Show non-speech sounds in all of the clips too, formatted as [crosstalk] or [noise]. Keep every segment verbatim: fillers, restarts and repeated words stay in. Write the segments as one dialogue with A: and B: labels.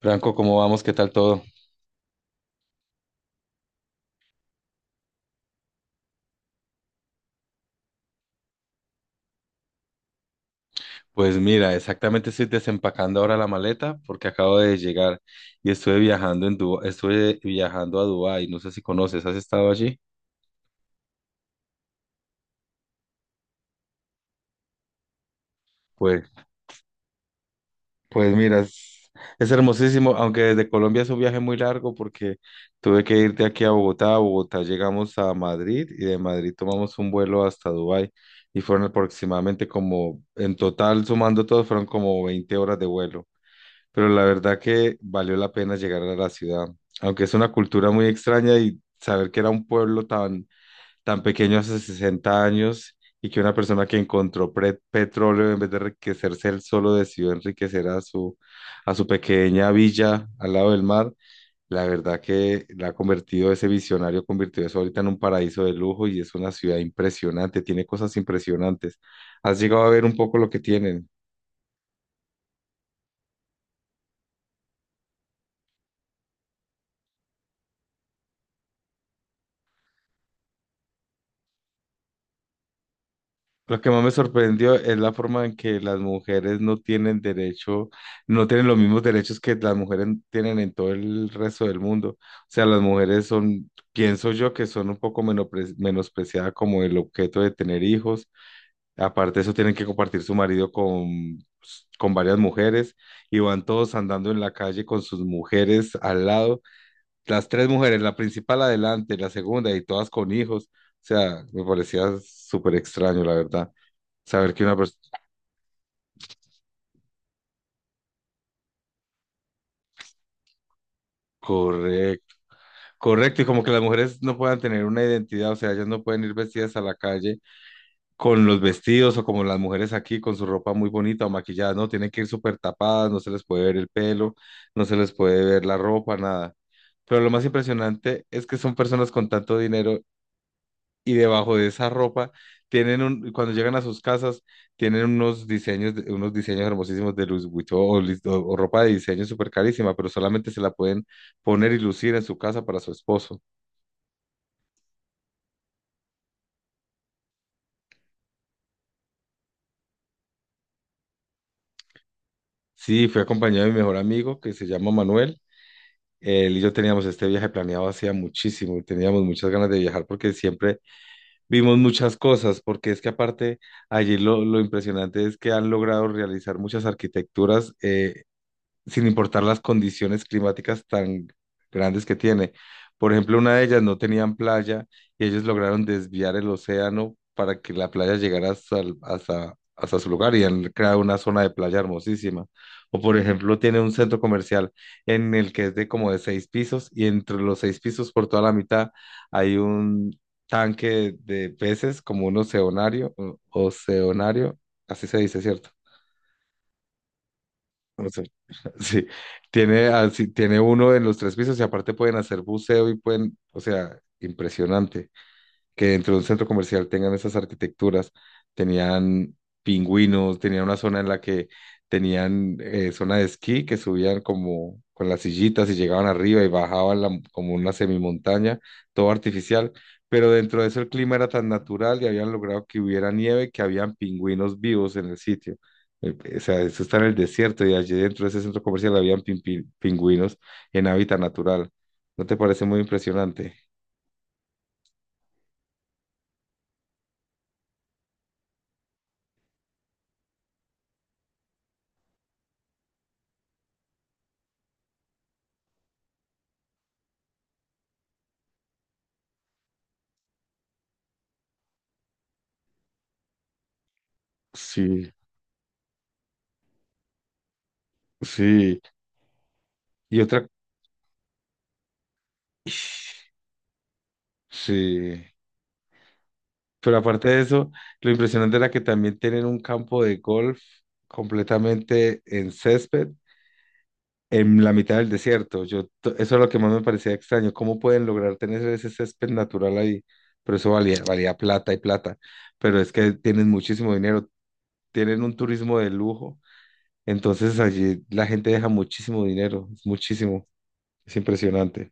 A: Franco, ¿cómo vamos? ¿Qué tal todo? Pues mira, exactamente estoy desempacando ahora la maleta porque acabo de llegar y estuve viajando en Dubái, estuve viajando a Dubái, no sé si conoces, ¿has estado allí? Pues, pues mira, es, es hermosísimo, aunque desde Colombia es un viaje muy largo porque tuve que ir de aquí a Bogotá, a Bogotá llegamos a Madrid y de Madrid tomamos un vuelo hasta Dubái y fueron aproximadamente como, en total sumando todo, fueron como veinte horas de vuelo. Pero la verdad que valió la pena llegar a la ciudad, aunque es una cultura muy extraña y saber que era un pueblo tan, tan pequeño hace sesenta años y que una persona que encontró pre- petróleo en vez de enriquecerse él solo decidió enriquecer a su, a su, pequeña villa al lado del mar. La verdad que la ha convertido, ese visionario convirtió eso ahorita en un paraíso de lujo y es una ciudad impresionante, tiene cosas impresionantes. ¿Has llegado a ver un poco lo que tienen? Lo que más me sorprendió es la forma en que las mujeres no tienen derecho, no tienen los mismos derechos que las mujeres tienen en todo el resto del mundo. O sea, las mujeres son, pienso yo, que son un poco menopre- menospreciadas como el objeto de tener hijos. Aparte de eso, tienen que compartir su marido con, con varias mujeres y van todos andando en la calle con sus mujeres al lado. Las tres mujeres, la principal adelante, la segunda y todas con hijos. O sea, me parecía súper extraño, la verdad. Saber que una persona... Correcto, correcto. Y como que las mujeres no puedan tener una identidad, o sea, ellas no pueden ir vestidas a la calle con los vestidos o como las mujeres aquí con su ropa muy bonita o maquillada, no, tienen que ir súper tapadas, no se les puede ver el pelo, no se les puede ver la ropa, nada. Pero lo más impresionante es que son personas con tanto dinero y debajo de esa ropa tienen un, cuando llegan a sus casas, tienen unos diseños, de- unos diseños hermosísimos de Louis Vuitton o, lis- o- o ropa de diseño súper carísima, pero solamente se la pueden poner y lucir en su casa para su esposo. Sí, fui acompañado de mi mejor amigo que se llama Manuel. Él y yo teníamos este viaje planeado hacía muchísimo, teníamos muchas ganas de viajar porque siempre vimos muchas cosas, porque es que aparte allí lo, lo impresionante es que han logrado realizar muchas arquitecturas, eh, sin importar las condiciones climáticas tan grandes que tiene. Por ejemplo, una de ellas no tenían playa y ellos lograron desviar el océano para que la playa llegara hasta, el- hasta, hasta su lugar, y han creado una zona de playa hermosísima. O por ejemplo, tiene un centro comercial en el que es de como de seis pisos y entre los seis pisos por toda la mitad hay un tanque de peces como un oceanario, oceanario, así se dice, ¿cierto? O sea, [laughs] sí, tiene, así, tiene uno en los tres pisos y aparte pueden hacer buceo y pueden, o sea, impresionante que dentro de un centro comercial tengan esas arquitecturas. Tenían pingüinos, tenían una zona en la que tenían eh, zona de esquí que subían como con las sillitas y llegaban arriba y bajaban la- como una semimontaña, todo artificial. Pero dentro de eso el clima era tan natural y habían logrado que hubiera nieve, que habían pingüinos vivos en el sitio. Eh, eh, O sea, eso está en el desierto y allí dentro de ese centro comercial habían pin- pin- pingüinos en hábitat natural. ¿No te parece muy impresionante? Sí, sí. Y otra, [sighs] sí, pero aparte de eso, lo impresionante era que también tienen un campo de golf completamente en césped, en la mitad del desierto. Yo, to- eso es lo que más me parecía extraño, cómo pueden lograr tener ese césped natural ahí, pero eso valía, valía plata y plata, pero es que tienen muchísimo dinero, tienen un turismo de lujo, entonces allí la gente deja muchísimo dinero, es muchísimo, es impresionante.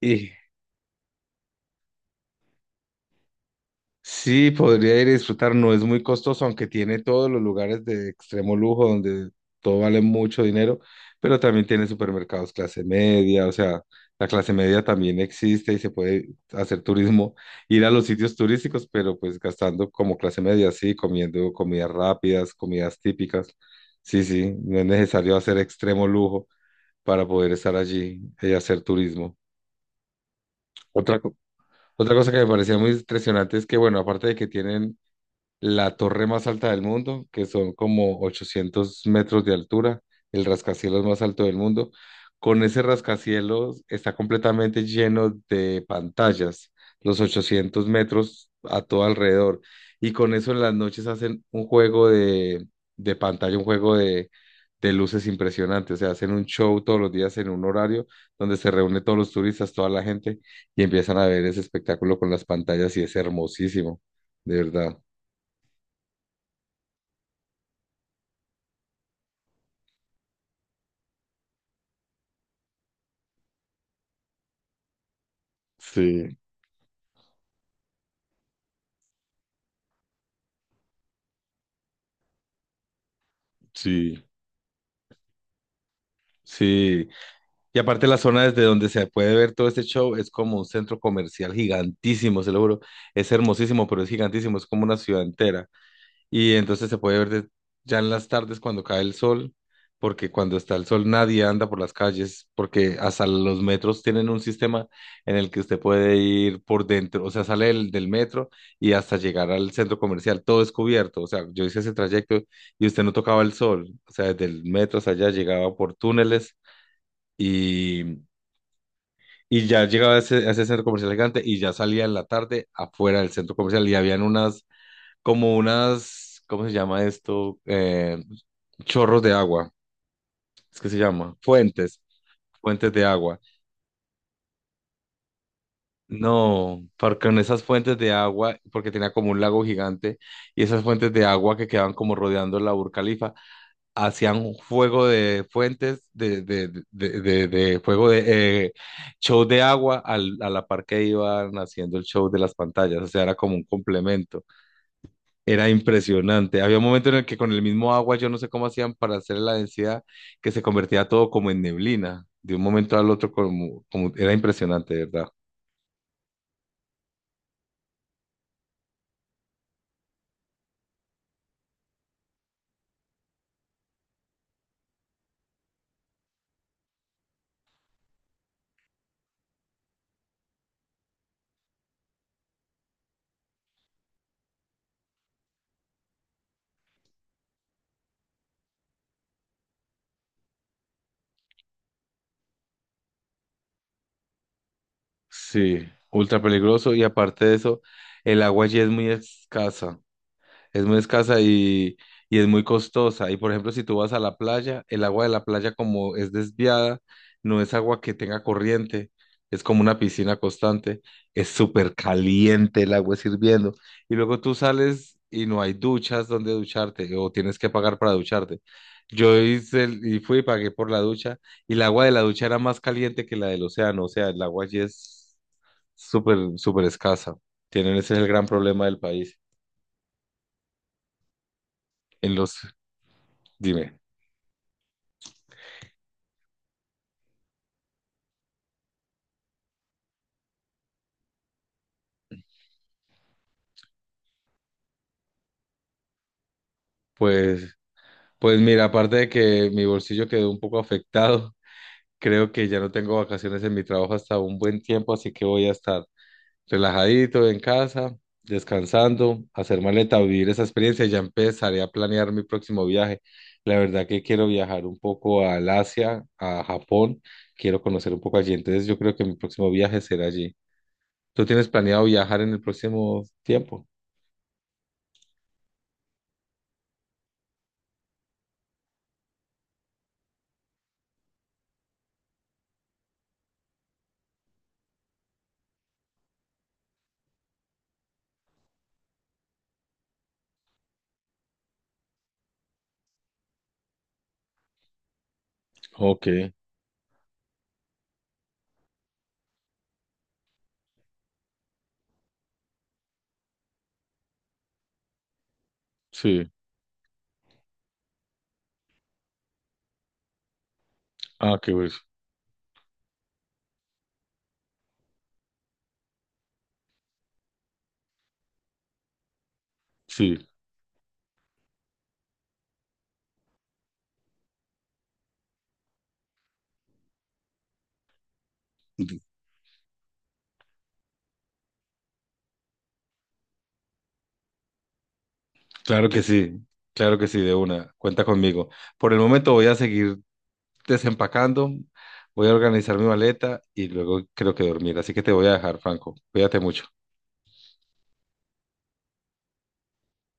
A: Y Sí, podría ir a disfrutar, no es muy costoso, aunque tiene todos los lugares de extremo lujo donde todo vale mucho dinero, pero también tiene supermercados clase media, o sea, la clase media también existe y se puede hacer turismo, ir a los sitios turísticos, pero pues gastando como clase media, sí, comiendo comidas rápidas, comidas típicas. Sí, sí, no es necesario hacer extremo lujo para poder estar allí y hacer turismo. Otra, co- otra cosa que me parecía muy impresionante es que, bueno, aparte de que tienen la torre más alta del mundo, que son como ochocientos metros de altura, el rascacielos más alto del mundo. Con ese rascacielos, está completamente lleno de pantallas, los ochocientos metros a todo alrededor. Y con eso en las noches hacen un juego de, de pantalla, un juego de, de luces impresionante. O sea, hacen un show todos los días en un horario donde se reúne todos los turistas, toda la gente, y empiezan a ver ese espectáculo con las pantallas y es hermosísimo, de verdad. Sí, sí, sí. Y aparte la zona desde donde se puede ver todo este show es como un centro comercial gigantísimo, se lo juro. Es hermosísimo, pero es gigantísimo, es como una ciudad entera. Y entonces se puede ver de- ya en las tardes, cuando cae el sol, porque cuando está el sol nadie anda por las calles, porque hasta los metros tienen un sistema en el que usted puede ir por dentro, o sea, sale del, del metro y hasta llegar al centro comercial, todo es cubierto. O sea, yo hice ese trayecto y usted no tocaba el sol, o sea, desde el metro hasta allá llegaba por túneles y... Y ya llegaba a ese, a ese, centro comercial gigante, y ya salía en la tarde afuera del centro comercial y habían unas como unas, ¿cómo se llama esto? Eh, chorros de agua, es que se llama, fuentes, fuentes de agua. No, porque en esas fuentes de agua, porque tenía como un lago gigante, y esas fuentes de agua que quedaban como rodeando la Burcalifa, hacían un fuego de fuentes, de, de, de, de, de- de fuego de eh, show de agua al- a la par que iban haciendo el show de las pantallas, o sea, era como un complemento. Era impresionante. Había un momento en el que con el mismo agua, yo no sé cómo hacían para hacer la densidad, que se convertía todo como en neblina, de un momento al otro, como, como era impresionante, de ¿verdad? Sí, ultra peligroso y aparte de eso, el agua allí es muy escasa. Es muy escasa y, y es muy costosa. Y por ejemplo, si tú vas a la playa, el agua de la playa como es desviada, no es agua que tenga corriente, es como una piscina constante, es súper caliente, el agua es hirviendo. Y luego tú sales y no hay duchas donde ducharte, o tienes que pagar para ducharte. Yo hice el- y fui y pagué por la ducha, y el agua de la ducha era más caliente que la del océano. O sea, el agua allí es súper, súper escasa. Tienen, ese es el gran problema del país. En los Dime. Pues, pues mira, aparte de que mi bolsillo quedó un poco afectado, [laughs] creo que ya no tengo vacaciones en mi trabajo hasta un buen tiempo, así que voy a estar relajadito en casa, descansando, hacer maleta, vivir esa experiencia y ya empezaré a planear mi próximo viaje. La verdad que quiero viajar un poco al Asia, a Japón, quiero conocer un poco allí, entonces yo creo que mi próximo viaje será allí. ¿Tú tienes planeado viajar en el próximo tiempo? Ok, sí. Ah, qué bueno. Sí. Claro que sí, claro que sí, de una, cuenta conmigo. Por el momento voy a seguir desempacando, voy a organizar mi maleta y luego creo que dormir. Así que te voy a dejar, Franco. Cuídate mucho.